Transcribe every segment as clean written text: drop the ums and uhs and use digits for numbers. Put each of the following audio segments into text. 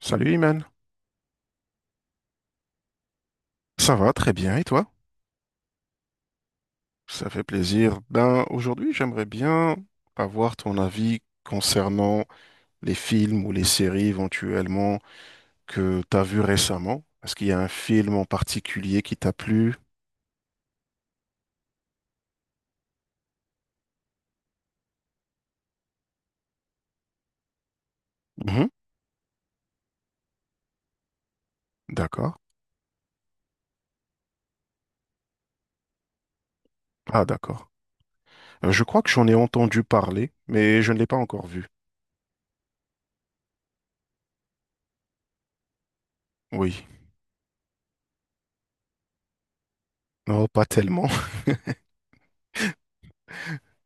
Salut Iman, ça va très bien et toi? Ça fait plaisir. Aujourd'hui j'aimerais bien avoir ton avis concernant les films ou les séries éventuellement que t'as vu récemment. Est-ce qu'il y a un film en particulier qui t'a plu? Mhm. D'accord. Ah d'accord. Je crois que j'en ai entendu parler, mais je ne l'ai pas encore vu. Oui. Non, pas tellement.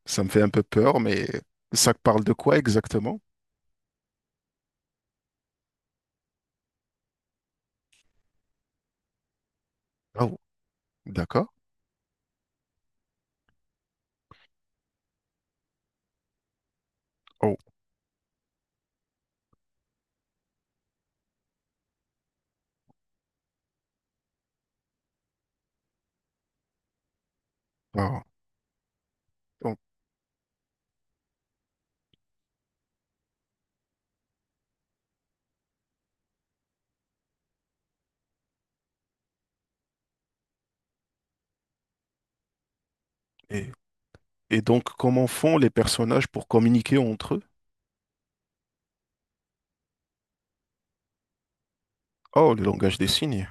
Ça me fait un peu peur, mais ça parle de quoi exactement? D'accord. Oh, wow. Donc, et, et donc, comment font les personnages pour communiquer entre eux? Oh, le langage des signes.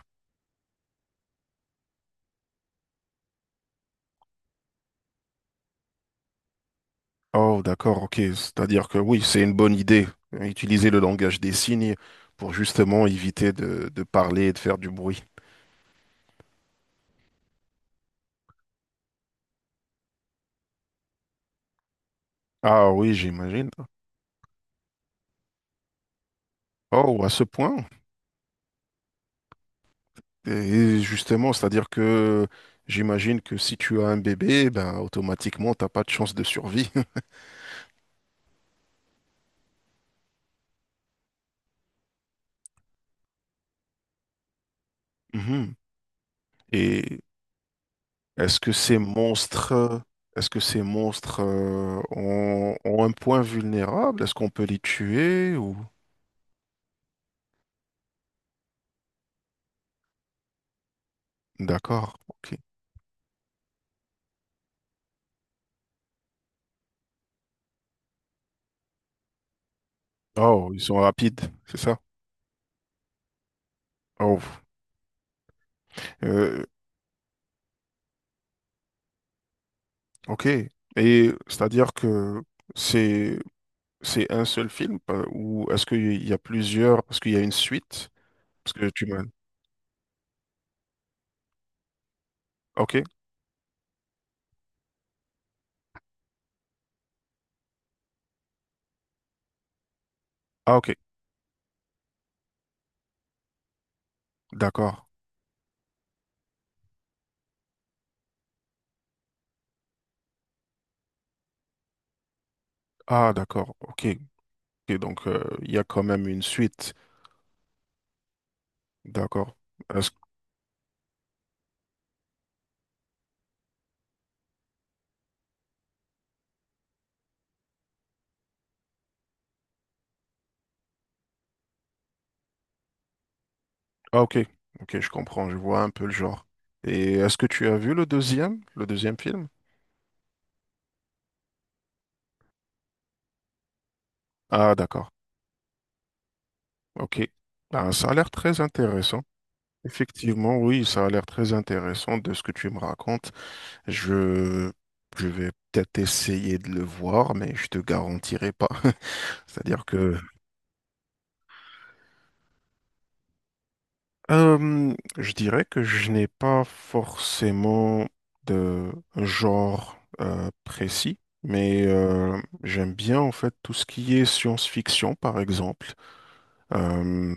Oh, d'accord, ok. C'est-à-dire que oui, c'est une bonne idée, utiliser le langage des signes pour justement éviter de parler et de faire du bruit. Ah oui, j'imagine. Oh, à ce point. Et justement, c'est-à-dire que j'imagine que si tu as un bébé, ben automatiquement, t'as pas de chance de survie. Mhm. Et est-ce que ces monstres, est-ce que ces monstres ont, ont un point vulnérable? Est-ce qu'on peut les tuer ou... D'accord, ok. Oh, ils sont rapides, c'est ça? Oh, euh, ok. Et c'est-à-dire que c'est c'est un seul film ou est-ce qu'il y a plusieurs, parce qu'il y a une suite? Parce que tu m'as... Ok. Ah, ok. D'accord. Ah, d'accord. Ok. Ok, donc, il y a quand même une suite. D'accord. Est-ce- Ah, ok. Ok, je comprends. Je vois un peu le genre. Et est-ce que tu as vu le deuxième film? Ah, d'accord. Ok. Ah, ça a l'air très intéressant. Effectivement, oui, ça a l'air très intéressant de ce que tu me racontes. Je, je vais peut-être essayer de le voir, mais je te garantirai pas. C'est-à-dire que Euh, je dirais que je n'ai pas forcément de genre précis, mais j'aime bien en fait tout ce qui est science-fiction, par exemple. Euh,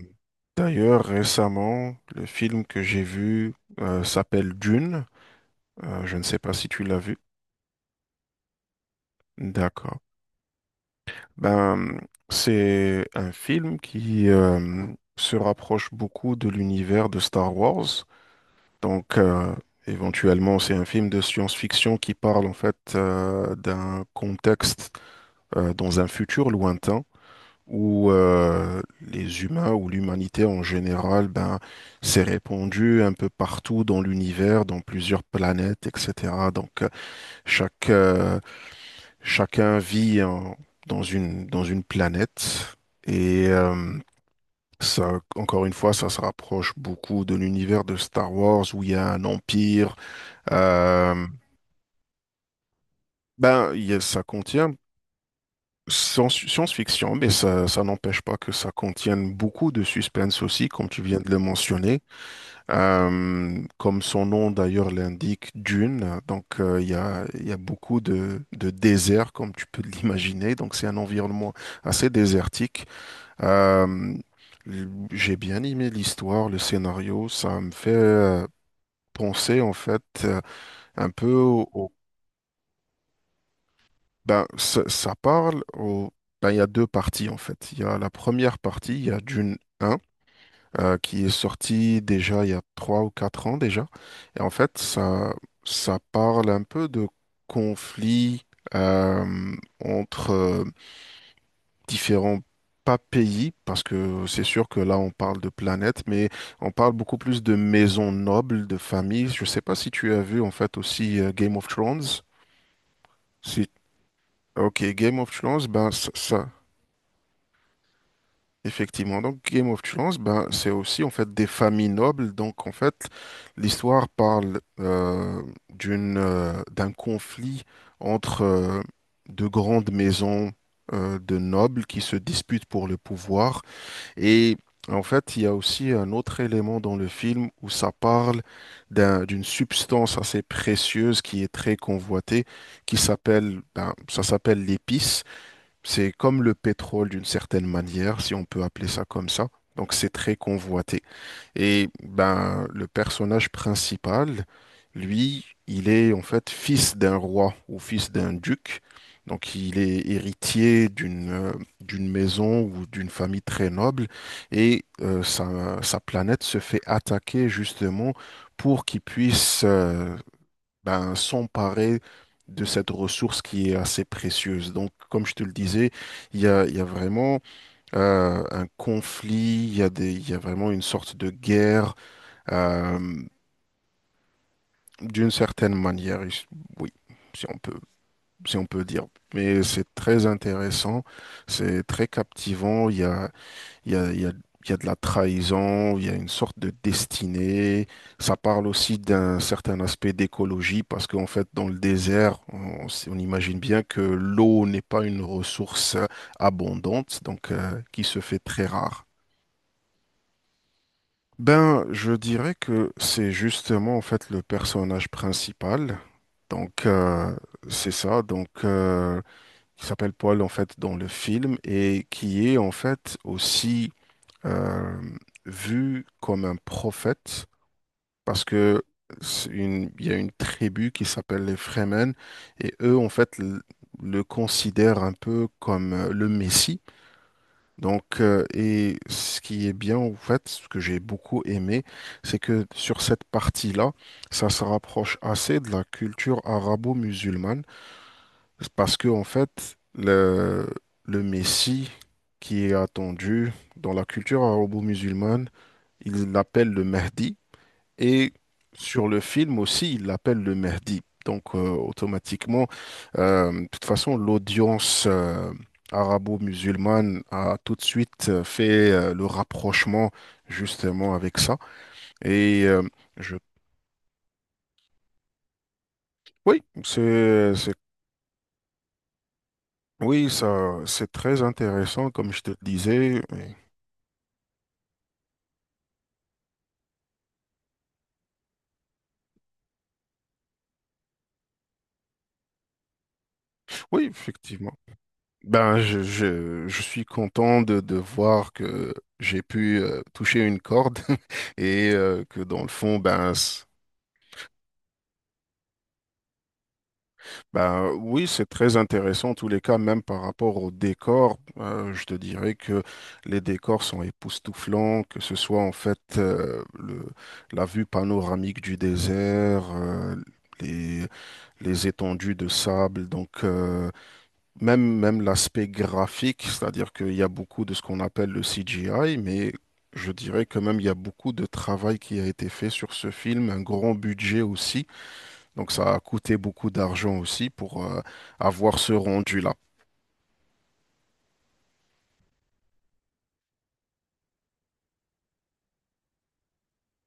d'ailleurs, récemment, le film que j'ai vu s'appelle Dune. Je ne sais pas si tu l'as vu. D'accord. Ben, c'est un film qui se rapproche beaucoup de l'univers de Star Wars. Donc, éventuellement, c'est un film de science-fiction qui parle en fait d'un contexte dans un futur lointain où les humains ou l'humanité en général, ben, s'est répandue un peu partout dans l'univers, dans plusieurs planètes, etc. Donc, chaque chacun vit en- dans une planète et ça, encore une fois, ça se rapproche beaucoup de l'univers de Star Wars où il y a un empire euh, ben, ça contient science-fiction, mais ça n'empêche pas que ça contienne beaucoup de suspense aussi, comme tu viens de le mentionner. Comme son nom d'ailleurs l'indique, Dune. Donc, il y a beaucoup de désert, comme tu peux l'imaginer. Donc, c'est un environnement assez désertique. Euh, j'ai bien aimé l'histoire, le scénario. Ça me fait penser, en fait, un peu. Ben, ça parle au... ben, il y a deux parties en fait. Il y a la première partie, il y a Dune un qui est sortie déjà il y a trois ou quatre ans déjà. Et en fait, ça parle un peu de conflits euh, entre différents, pas pays, parce que c'est sûr que là on parle de planète, mais on parle beaucoup plus de maisons nobles, de familles. Je sais pas si tu as vu en fait aussi Game of Thrones. Si... Ok, Game of Thrones, ben ça... ça- Effectivement, donc Game of Thrones, ben, c'est aussi en fait des familles nobles. Donc en fait, l'histoire parle d'un conflit entre de grandes maisons de nobles qui se disputent pour le pouvoir. Et en fait, il y a aussi un autre élément dans le film où ça parle d'une substance assez précieuse qui est très convoitée, qui s'appelle, ben, ça s'appelle l'épice. C'est comme le pétrole d'une certaine manière, si on peut appeler ça comme ça. Donc c'est très convoité. Et ben le personnage principal, lui, il est en fait fils d'un roi ou fils d'un duc. Donc il est héritier d'une d'une maison ou d'une famille très noble et sa planète se fait attaquer justement pour qu'il puisse ben, s'emparer de cette ressource qui est assez précieuse. Donc, comme je te le disais, il y a vraiment un conflit, il y a des, il y a vraiment une sorte de guerre euh, d'une certaine manière. Et je- Oui, si on peut, si on peut dire. Mais c'est très intéressant, c'est très captivant. Il y a il y a, il y a de la trahison, il y a une sorte de destinée. Ça parle aussi d'un certain aspect d'écologie parce qu'en fait, dans le désert, on imagine bien que l'eau n'est pas une ressource abondante, donc qui se fait très rare. Ben, je dirais que c'est justement en fait le personnage principal. Donc c'est ça. Donc qui s'appelle Paul en fait dans le film et qui est en fait aussi euh, vu comme un prophète parce que il y a une tribu qui s'appelle les Fremen et eux en fait le considèrent un peu comme le Messie. Donc et ce qui est bien en fait, ce que j'ai beaucoup aimé, c'est que sur cette partie-là, ça se rapproche assez de la culture arabo-musulmane parce que en fait le Messie qui est attendu dans la culture arabo-musulmane il l'appelle le Mahdi et sur le film aussi, il l'appelle le Mahdi. Donc automatiquement, de toute façon, l'audience arabo-musulmane a tout de suite fait le rapprochement justement avec ça. Et je, oui, c'est, oui, ça, c'est très intéressant, comme je te le disais. Oui, effectivement. Ben, je suis content de voir que j'ai pu toucher une corde et que dans le fond, ben oui, c'est très intéressant en tous les cas, même par rapport au décor. Je te dirais que les décors sont époustouflants, que ce soit en fait la vue panoramique du désert, les, les étendues de sable. Donc, Même, même l'aspect graphique, c'est-à-dire qu'il y a beaucoup de ce qu'on appelle le CGI, mais je dirais quand même il y a beaucoup de travail qui a été fait sur ce film, un grand budget aussi, donc ça a coûté beaucoup d'argent aussi pour avoir ce rendu-là.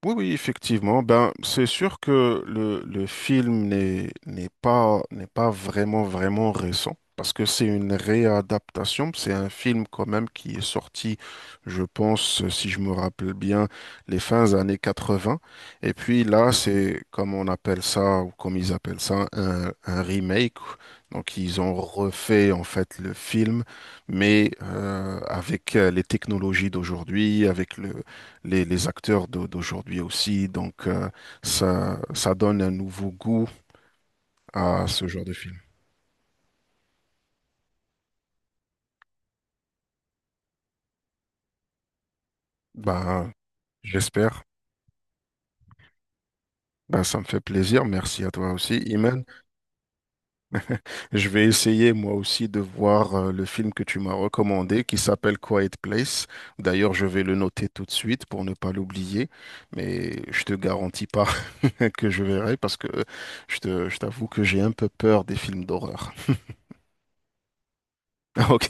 Oui, oui, effectivement. Ben, c'est sûr que le film n'est pas vraiment récent parce que c'est une réadaptation. C'est un film quand même qui est sorti, je pense, si je me rappelle bien, les fins années 80. Et puis là, c'est comme on appelle ça ou comme ils appellent ça un remake. Donc ils ont refait en fait le film, mais avec les technologies d'aujourd'hui, avec le les acteurs d'aujourd'hui aussi. Donc, ça, ça donne un nouveau goût à ce genre de film. Ben, j'espère. Ben, ça me fait plaisir. Merci à toi aussi, Iman. Je vais essayer moi aussi de voir le film que tu m'as recommandé qui s'appelle Quiet Place. D'ailleurs, je vais le noter tout de suite pour ne pas l'oublier, mais je te garantis pas que je verrai parce que je t'avoue que j'ai un peu peur des films d'horreur. Ok.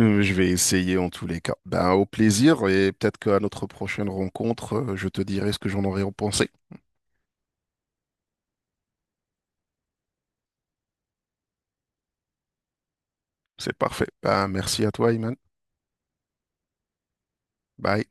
Je vais essayer en tous les cas. Ben, au plaisir et peut-être qu'à notre prochaine rencontre, je te dirai ce que j'en aurais pensé. C'est parfait. Ben, merci à toi, Iman. Bye.